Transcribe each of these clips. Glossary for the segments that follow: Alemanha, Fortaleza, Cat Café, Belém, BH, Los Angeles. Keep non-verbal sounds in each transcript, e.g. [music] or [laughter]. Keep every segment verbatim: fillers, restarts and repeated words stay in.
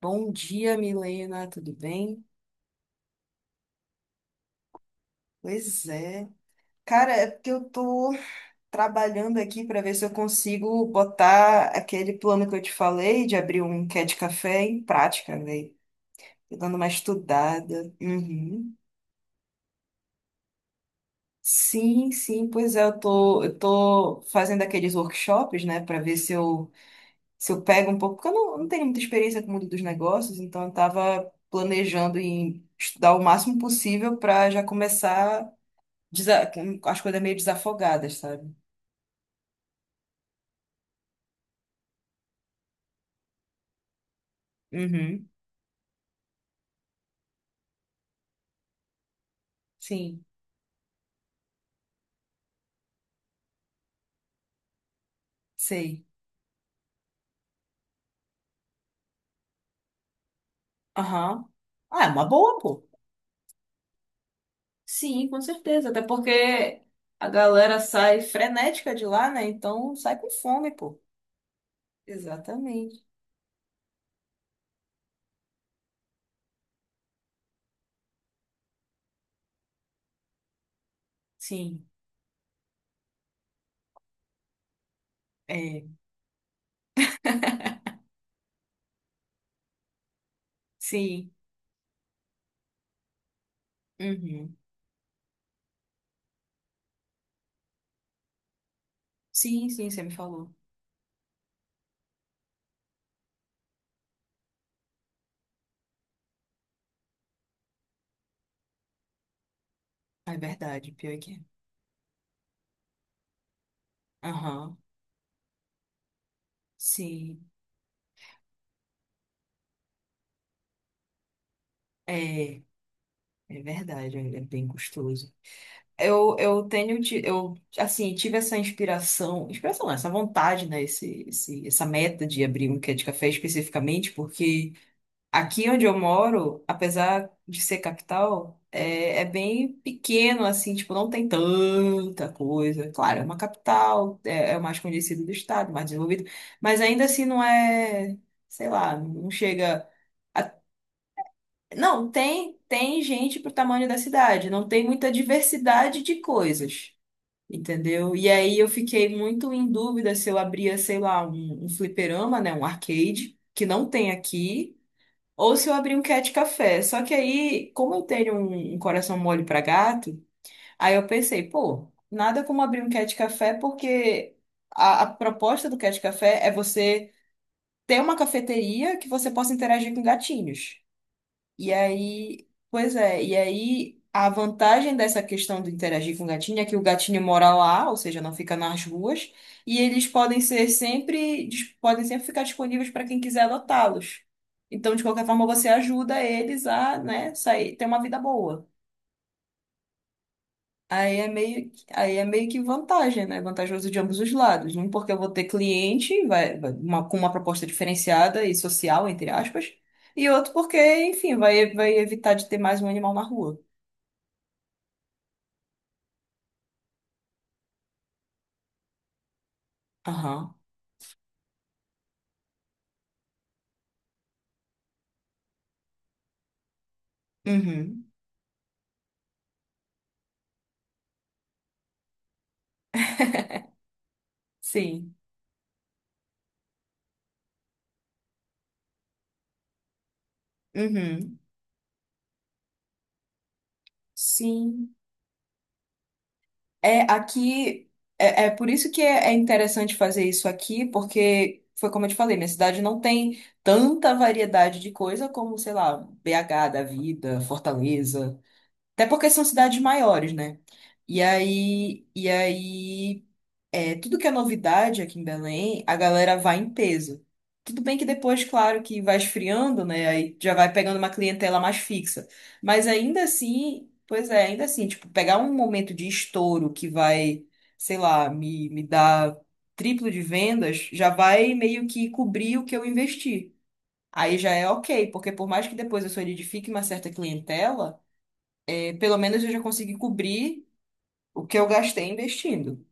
Bom dia, Milena, tudo bem? Pois é. Cara, é porque eu tô trabalhando aqui para ver se eu consigo botar aquele plano que eu te falei de abrir um Cat Café em prática, velho. Tô dando uma estudada. Uhum. Sim, sim, pois é, eu tô, eu tô fazendo aqueles workshops, né, para ver se eu, se eu pego um pouco, porque eu não, não tenho muita experiência com o mundo dos negócios, então eu tava planejando em estudar o máximo possível para já começar desa- com as coisas meio desafogadas, sabe? Uhum. Sim. Sei. Aham. Ah, é uma boa, pô. Sim, com certeza. Até porque a galera sai frenética de lá, né? Então sai com fome, pô. Exatamente. Sim. É. Sim. Uhum. Sim, sim, você me falou. Ah, é verdade, pior que é. Aham. Sim. É. É verdade, é é bem gostoso. Eu, eu tenho, ti- eu, assim, tive essa inspiração, inspiração não, essa vontade, né, esse, esse, essa meta de abrir um quê de café especificamente, porque aqui onde eu moro, apesar de ser capital, é, é bem pequeno, assim, tipo, não tem tanta coisa. Claro, é uma capital, é, é o mais conhecido do estado, mais desenvolvido, mas ainda assim não é, sei lá, não chega... a- Não, tem, tem gente pro tamanho da cidade, não tem muita diversidade de coisas, entendeu? E aí eu fiquei muito em dúvida se eu abria, sei lá, um, um fliperama, né, um arcade, que não tem aqui, ou se eu abria um cat café. Só que aí, como eu tenho um, um coração mole para gato, aí eu pensei, pô, nada como abrir um cat café, porque a, a proposta do cat café é você ter uma cafeteria que você possa interagir com gatinhos. E aí, pois é, e aí a vantagem dessa questão de interagir com o gatinho é que o gatinho mora lá, ou seja, não fica nas ruas, e eles podem ser sempre, dis- podem sempre ficar disponíveis para quem quiser adotá-los. Então, de qualquer forma, você ajuda eles a, né, sair, ter uma vida boa. Aí é meio, que- aí é meio que vantagem, né? Vantajoso de ambos os lados. Um, porque eu vou ter cliente, vai, vai- uma- com uma proposta diferenciada e social, entre aspas. E outro porque, enfim, vai, vai evitar de ter mais um animal na rua. Aham. Uhum. [laughs] Sim. Uhum. Sim. É, aqui. É, é por isso que é, é interessante fazer isso aqui, porque foi como eu te falei, minha cidade não tem tanta variedade de coisa como, sei lá, B H da vida, Fortaleza. Até porque são cidades maiores, né? E aí, e aí, é, tudo que é novidade aqui em Belém, a galera vai em peso. Tudo bem que depois, claro, que vai esfriando, né? Aí já vai pegando uma clientela mais fixa. Mas ainda assim, pois é, ainda assim, tipo, pegar um momento de estouro que vai, sei lá, me, me dar triplo de vendas, já vai meio que cobrir o que eu investi. Aí já é ok, porque por mais que depois eu solidifique uma certa clientela pelo menos eu já consegui cobrir o que eu gastei investindo.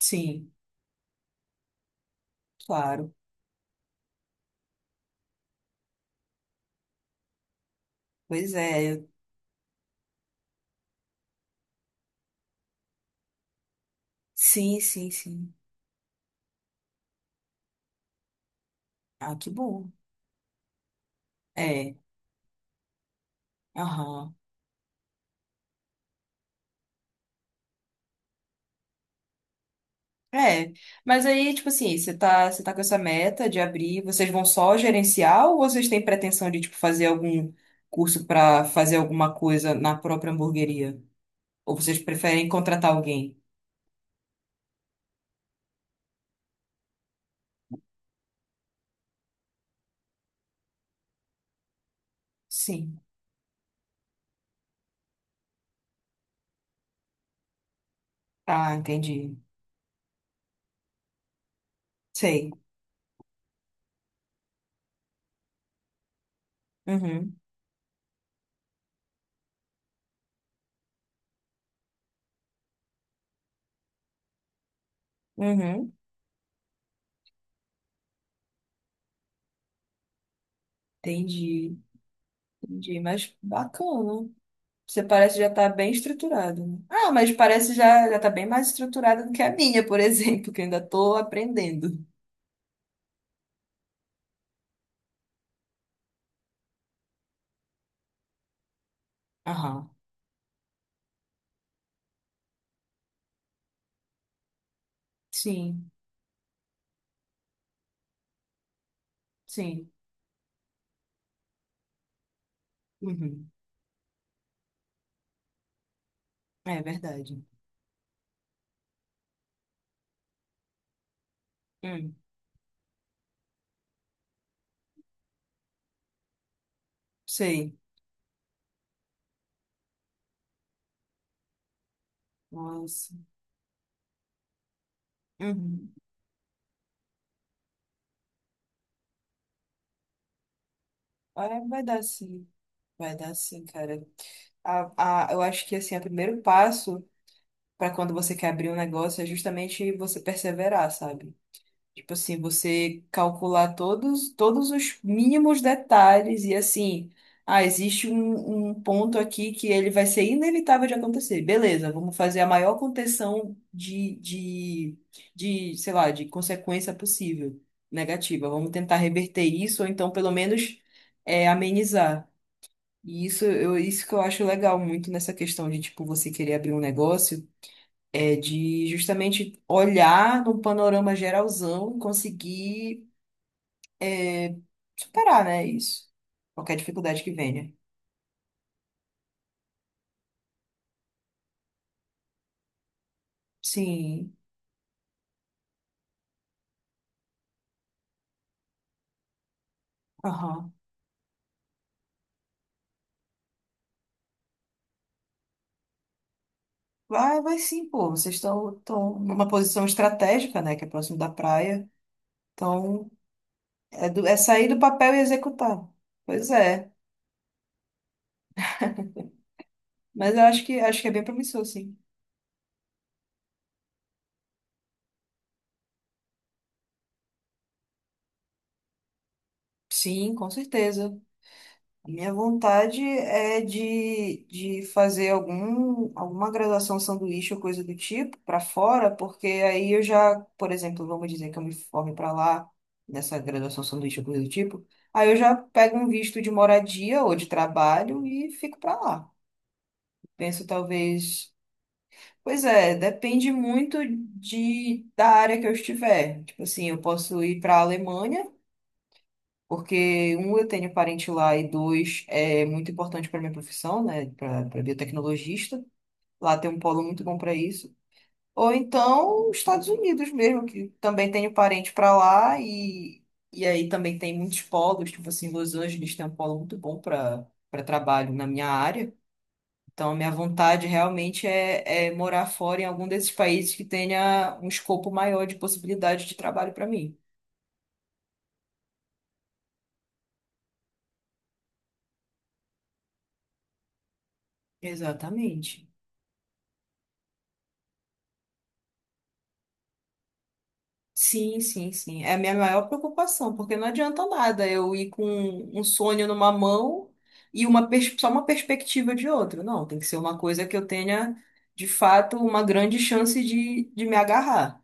Sim, claro. Pois é. Sim, sim, sim. Ah, que bom. É. Aham. É. Mas aí, tipo assim, você tá, você tá com essa meta de abrir, vocês vão só gerenciar ou vocês têm pretensão de, tipo, fazer algum curso pra fazer alguma coisa na própria hamburgueria? Ou vocês preferem contratar alguém? Sim. Ah, entendi. Sei. Uhum. Uhum. Entendi. Entendi. Mas bacana. Você parece já estar bem estruturado, né? Ah, mas parece já já tá bem mais estruturada do que a minha, por [laughs] exemplo, que eu ainda estou aprendendo. Aham. Sim, sim. Uhum. É verdade. Hum, sei. Nossa. Uhum. É, vai dar sim. Vai dar sim, cara. A, a, eu acho que assim, o primeiro passo para quando você quer abrir um negócio é justamente você perseverar, sabe? Tipo assim, você calcular todos, todos os mínimos detalhes e assim, ah, existe um, um ponto aqui que ele vai ser inevitável de acontecer. Beleza, vamos fazer a maior contenção de, de, de, sei lá, de consequência possível, negativa. Vamos tentar reverter isso, ou então pelo menos é, amenizar. E isso, eu, isso que eu acho legal muito nessa questão de, tipo, você querer abrir um negócio. É de justamente olhar num panorama geralzão e conseguir é, superar, né, isso. Qualquer dificuldade que venha. Sim, aham. Vai, vai sim, pô. Vocês estão estão numa posição estratégica, né, que é próximo da praia. Então, é, do- é sair do papel e executar. Pois é. Mas eu acho que, acho que é bem promissor, sim. Sim, com certeza. A minha vontade é de, de fazer algum, alguma graduação sanduíche ou coisa do tipo para fora, porque aí eu já, por exemplo, vamos dizer que eu me forme para lá, nessa graduação sanduíche ou coisa do tipo, aí eu já pego um visto de moradia ou de trabalho e fico para lá. Penso talvez. Pois é, depende muito de, da área que eu estiver. Tipo assim, eu posso ir para a Alemanha. Porque, um, eu tenho parente lá, e dois, é muito importante para minha profissão, né? Para biotecnologista. Lá tem um polo muito bom para isso. Ou então, os Estados Unidos mesmo, que também tenho parente para lá, e, e aí também tem muitos polos, tipo assim, Los Angeles tem um polo muito bom para para trabalho na minha área. Então, a minha vontade realmente é, é morar fora em algum desses países que tenha um escopo maior de possibilidade de trabalho para mim. Exatamente. Sim, sim, sim. É a minha maior preocupação, porque não adianta nada eu ir com um sonho numa mão e uma pers- só uma perspectiva de outra. Não, tem que ser uma coisa que eu tenha, de fato, uma grande chance de, de me agarrar.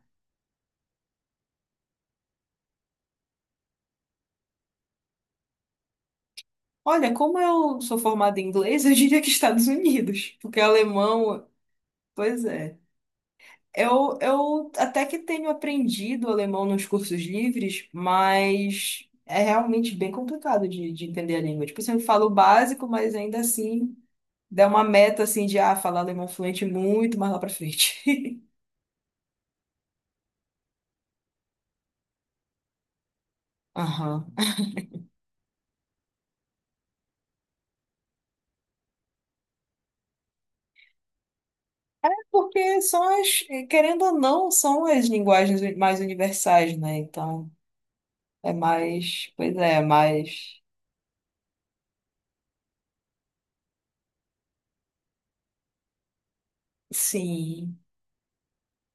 Olha, como eu sou formada em inglês, [laughs] eu diria que Estados Unidos, porque alemão, pois é. Eu, eu até que tenho aprendido alemão nos cursos livres, mas é realmente bem complicado de, de entender a língua. Tipo, você fala o básico, mas ainda assim. Der uma meta assim de ah, falar alemão fluente muito mais lá pra frente. [laughs] Aham. É porque são as, querendo ou não, são as linguagens mais universais, né? Então, é mais, pois é, é mais. Sim,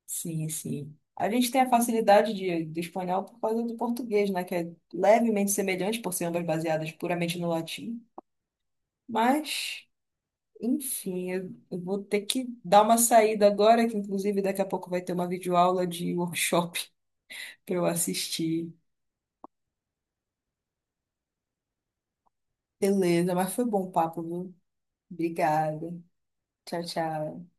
sim, sim. A gente tem a facilidade de, do espanhol por causa do português, né? Que é levemente semelhante, por ser ambas baseadas puramente no latim. Mas, enfim, eu, eu vou ter que dar uma saída agora, que inclusive daqui a pouco vai ter uma videoaula de workshop pra eu assistir. Beleza, mas foi bom o papo, viu? Obrigada. Tchau, tchau.